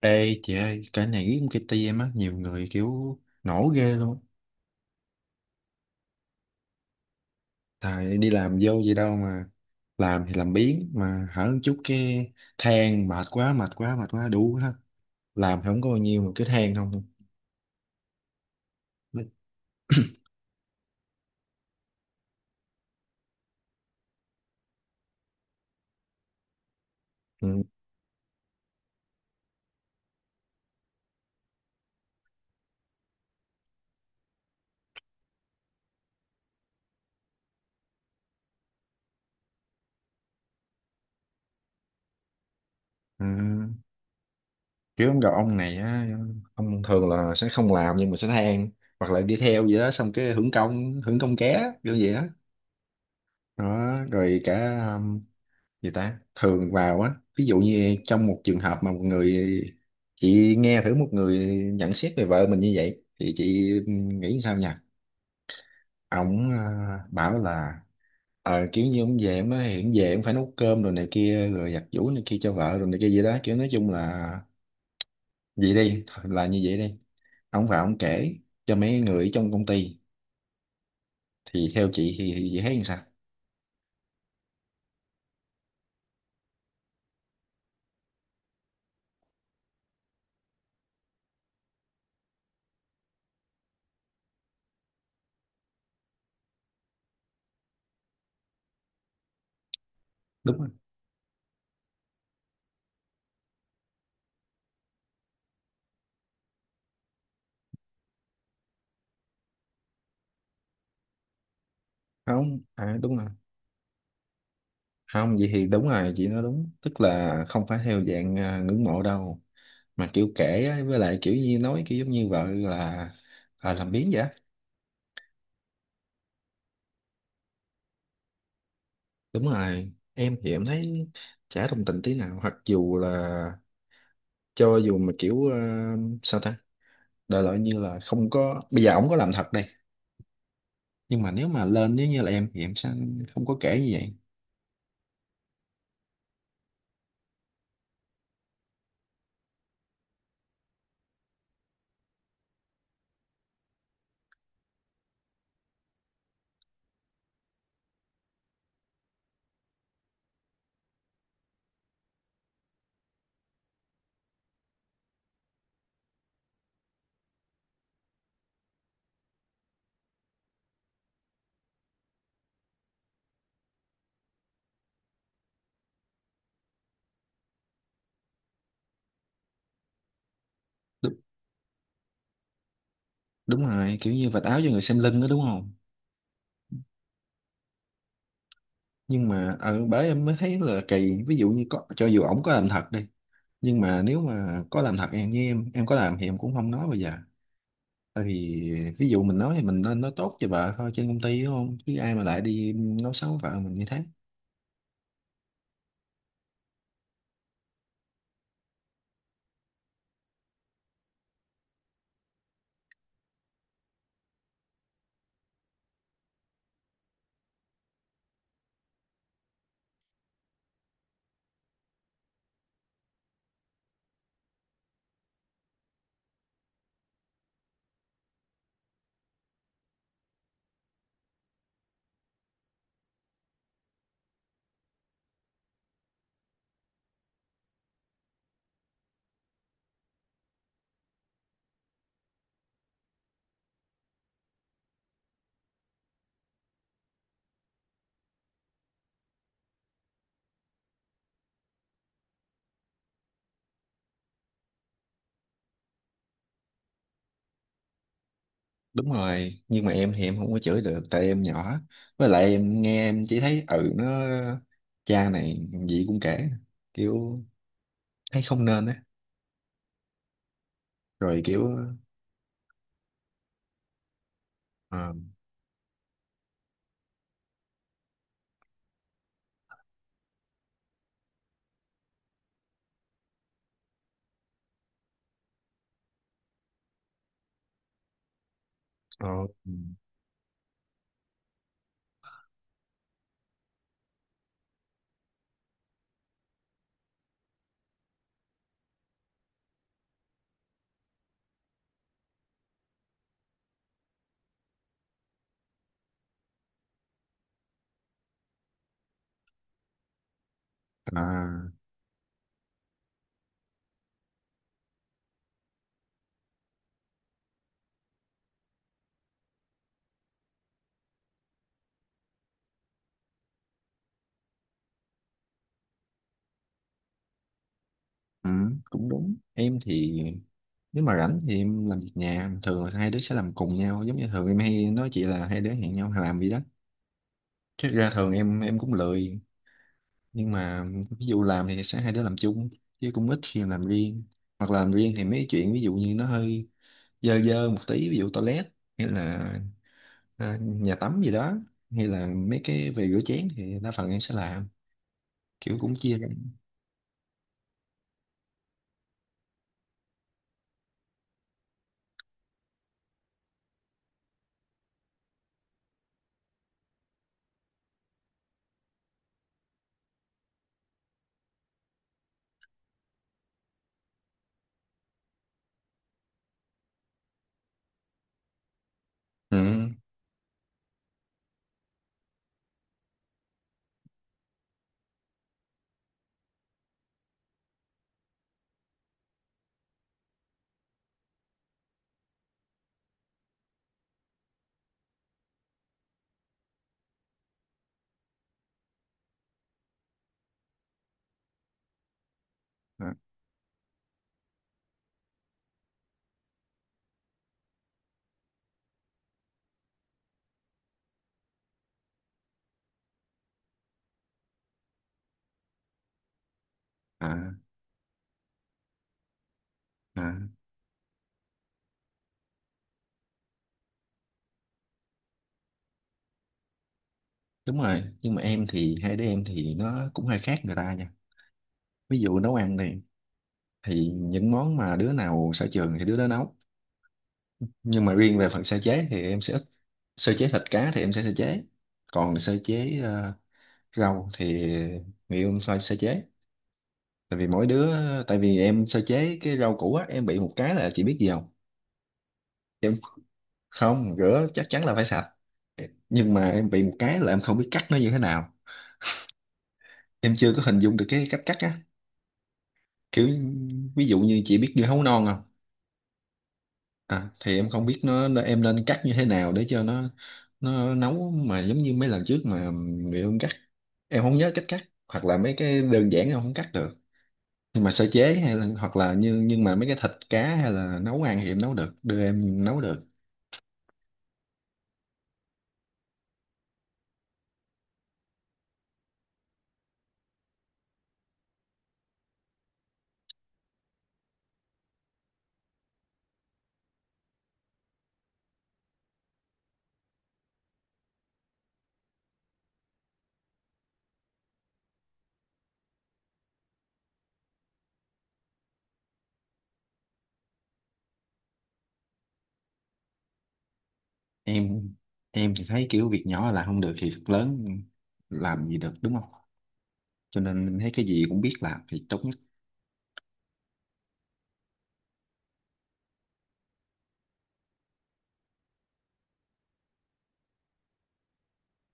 Ê chị ơi, cái này riêng cái công ty em á, nhiều người kiểu nổ ghê luôn. Tại đi làm vô vậy đâu mà làm thì làm biếng, mà hở một chút cái than mệt quá đủ hết. Làm thì không có bao nhiêu mà cứ than không thôi. Nó- Ừ. Ừ. Kiểu ông gặp ông này á, ông thường là sẽ không làm nhưng mà sẽ than, hoặc là đi theo vậy đó, xong cái hưởng công, hưởng công ké kiểu vậy đó. Đó, rồi cả gì ta thường vào á, ví dụ như trong một trường hợp mà một người, chị nghe thử, một người nhận xét về vợ mình như vậy thì chị nghĩ sao nhỉ? Ổng à, bảo là ờ kiểu như ông về ông nói hiện về ông phải nấu cơm rồi này kia, rồi giặt giũ này kia cho vợ rồi này kia gì đó, kiểu nói chung là vậy đi, là như vậy đi, ông vào ông kể cho mấy người ở trong công ty, thì theo chị thì chị thấy như sao? Đúng rồi. Không à, đúng rồi, không vậy thì đúng rồi, chị nói đúng, tức là không phải theo dạng à, ngưỡng mộ đâu, mà kiểu kể á, với lại kiểu như nói kiểu giống như vợ là à, làm biếng vậy á. Đúng rồi, em thì em thấy chả đồng tình tí nào, hoặc dù là, cho dù mà kiểu à, sao ta, đại loại như là không có, bây giờ ổng có làm thật đây nhưng mà nếu mà lên, nếu như là em thì em sẽ không có kể như vậy. Đúng, đúng rồi, kiểu như vạch áo cho người xem lưng đó, đúng không? Nhưng mà ở bởi em mới thấy là kỳ, ví dụ như có, cho dù ổng có làm thật đi, nhưng mà nếu mà có làm thật, em như em có làm thì em cũng không nói. Bây giờ tại vì ví dụ mình nói thì mình nên nói tốt cho vợ thôi trên công ty, đúng không, chứ ai mà lại đi nói xấu vợ mình như thế. Đúng rồi, nhưng mà em thì em không có chửi được tại em nhỏ. Với lại em nghe, em chỉ thấy ừ, nó cha này gì cũng kể, kiểu thấy không nên á. Rồi kiểu ờ, ờ, ờ, à, ừ, cũng đúng. Em thì nếu mà rảnh thì em làm việc nhà, thường là hai đứa sẽ làm cùng nhau, giống như thường em hay nói chị là hai đứa hẹn nhau làm gì đó. Chứ ra thường em cũng lười, nhưng mà ví dụ làm thì sẽ hai đứa làm chung, chứ cũng ít khi làm riêng. Hoặc là làm riêng thì mấy chuyện ví dụ như nó hơi dơ dơ một tí, ví dụ toilet hay là à, nhà tắm gì đó, hay là mấy cái về rửa chén thì đa phần em sẽ làm, kiểu cũng chia ra. Ừ. À, à, à. Đúng rồi, nhưng mà em thì hai đứa em thì nó cũng hơi khác người ta nha. Ví dụ nấu ăn này, thì những món mà đứa nào sở trường thì đứa đó nấu. Nhưng mà riêng về phần sơ chế thì em sẽ ít. Sơ chế thịt cá thì em sẽ sơ chế. Còn sơ chế rau thì người yêu em phải sơ chế. Tại vì mỗi đứa, tại vì em sơ chế cái rau củ á, em bị một cái là chị biết gì không? Em không, rửa chắc chắn là phải sạch. Nhưng mà em bị một cái là em không biết cắt nó như thế nào. Em chưa có hình dung được cái cách cắt á. Kiểu ví dụ như chị biết dưa hấu non không? À thì em không biết em nên cắt như thế nào để cho nó nấu, mà giống như mấy lần trước mà bị em cắt, em không nhớ cách cắt, hoặc là mấy cái đơn giản em không cắt được. Nhưng mà sơ chế hay là hoặc là như, nhưng mà mấy cái thịt cá hay là nấu ăn thì em nấu được, đưa em nấu được. Em em thì thấy kiểu việc nhỏ là không được thì việc lớn làm gì được, đúng không? Cho nên em thấy cái gì cũng biết làm thì tốt nhất.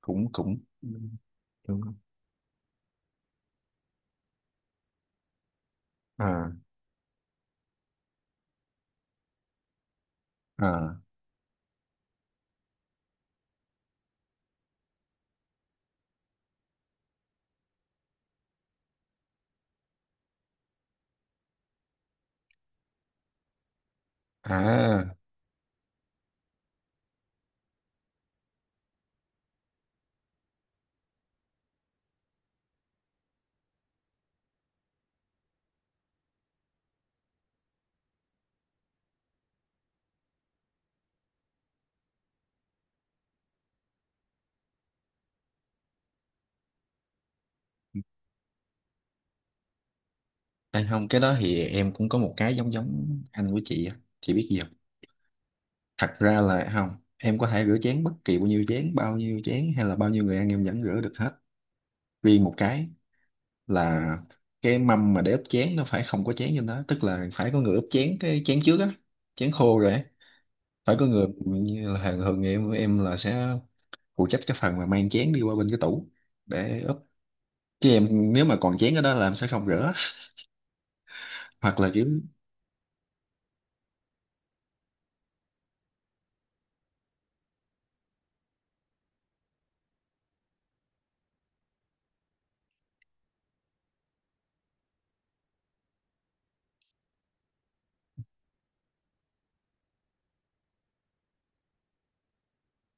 Cũng cũng đúng không? À, à, à. Hay không, cái đó thì em cũng có một cái giống giống anh của chị á. Chị biết gì không? Thật ra là không, em có thể rửa chén bất kỳ bao nhiêu chén hay là bao nhiêu người ăn em vẫn rửa được hết. Riêng một cái là cái mâm mà để ướp chén nó phải không có chén trên đó, tức là phải có người ướp chén, cái chén trước á, chén khô rồi á. Phải có người, như là hàng thường em là sẽ phụ trách cái phần mà mang chén đi qua bên cái tủ để ướp. Chứ em nếu mà còn chén ở đó là em sẽ không rửa. Hoặc là kiểu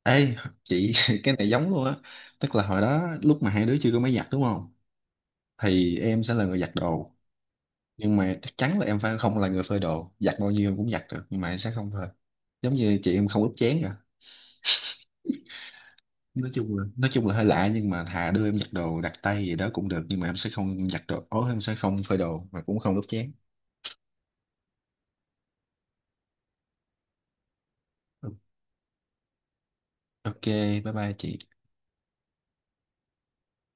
Ê, chị cái này giống luôn á, tức là hồi đó lúc mà hai đứa chưa có máy giặt đúng không, thì em sẽ là người giặt đồ, nhưng mà chắc chắn là em phải không là người phơi đồ. Giặt bao nhiêu em cũng giặt được nhưng mà em sẽ không phơi, giống như chị, em không ướp chén cả. Nói chung là, nói chung là hơi lạ, nhưng mà thà đưa em giặt đồ đặt tay gì đó cũng được, nhưng mà em sẽ không giặt đồ ố, em sẽ không phơi đồ mà cũng không ướp chén. Ừ, ok, bye bye chị.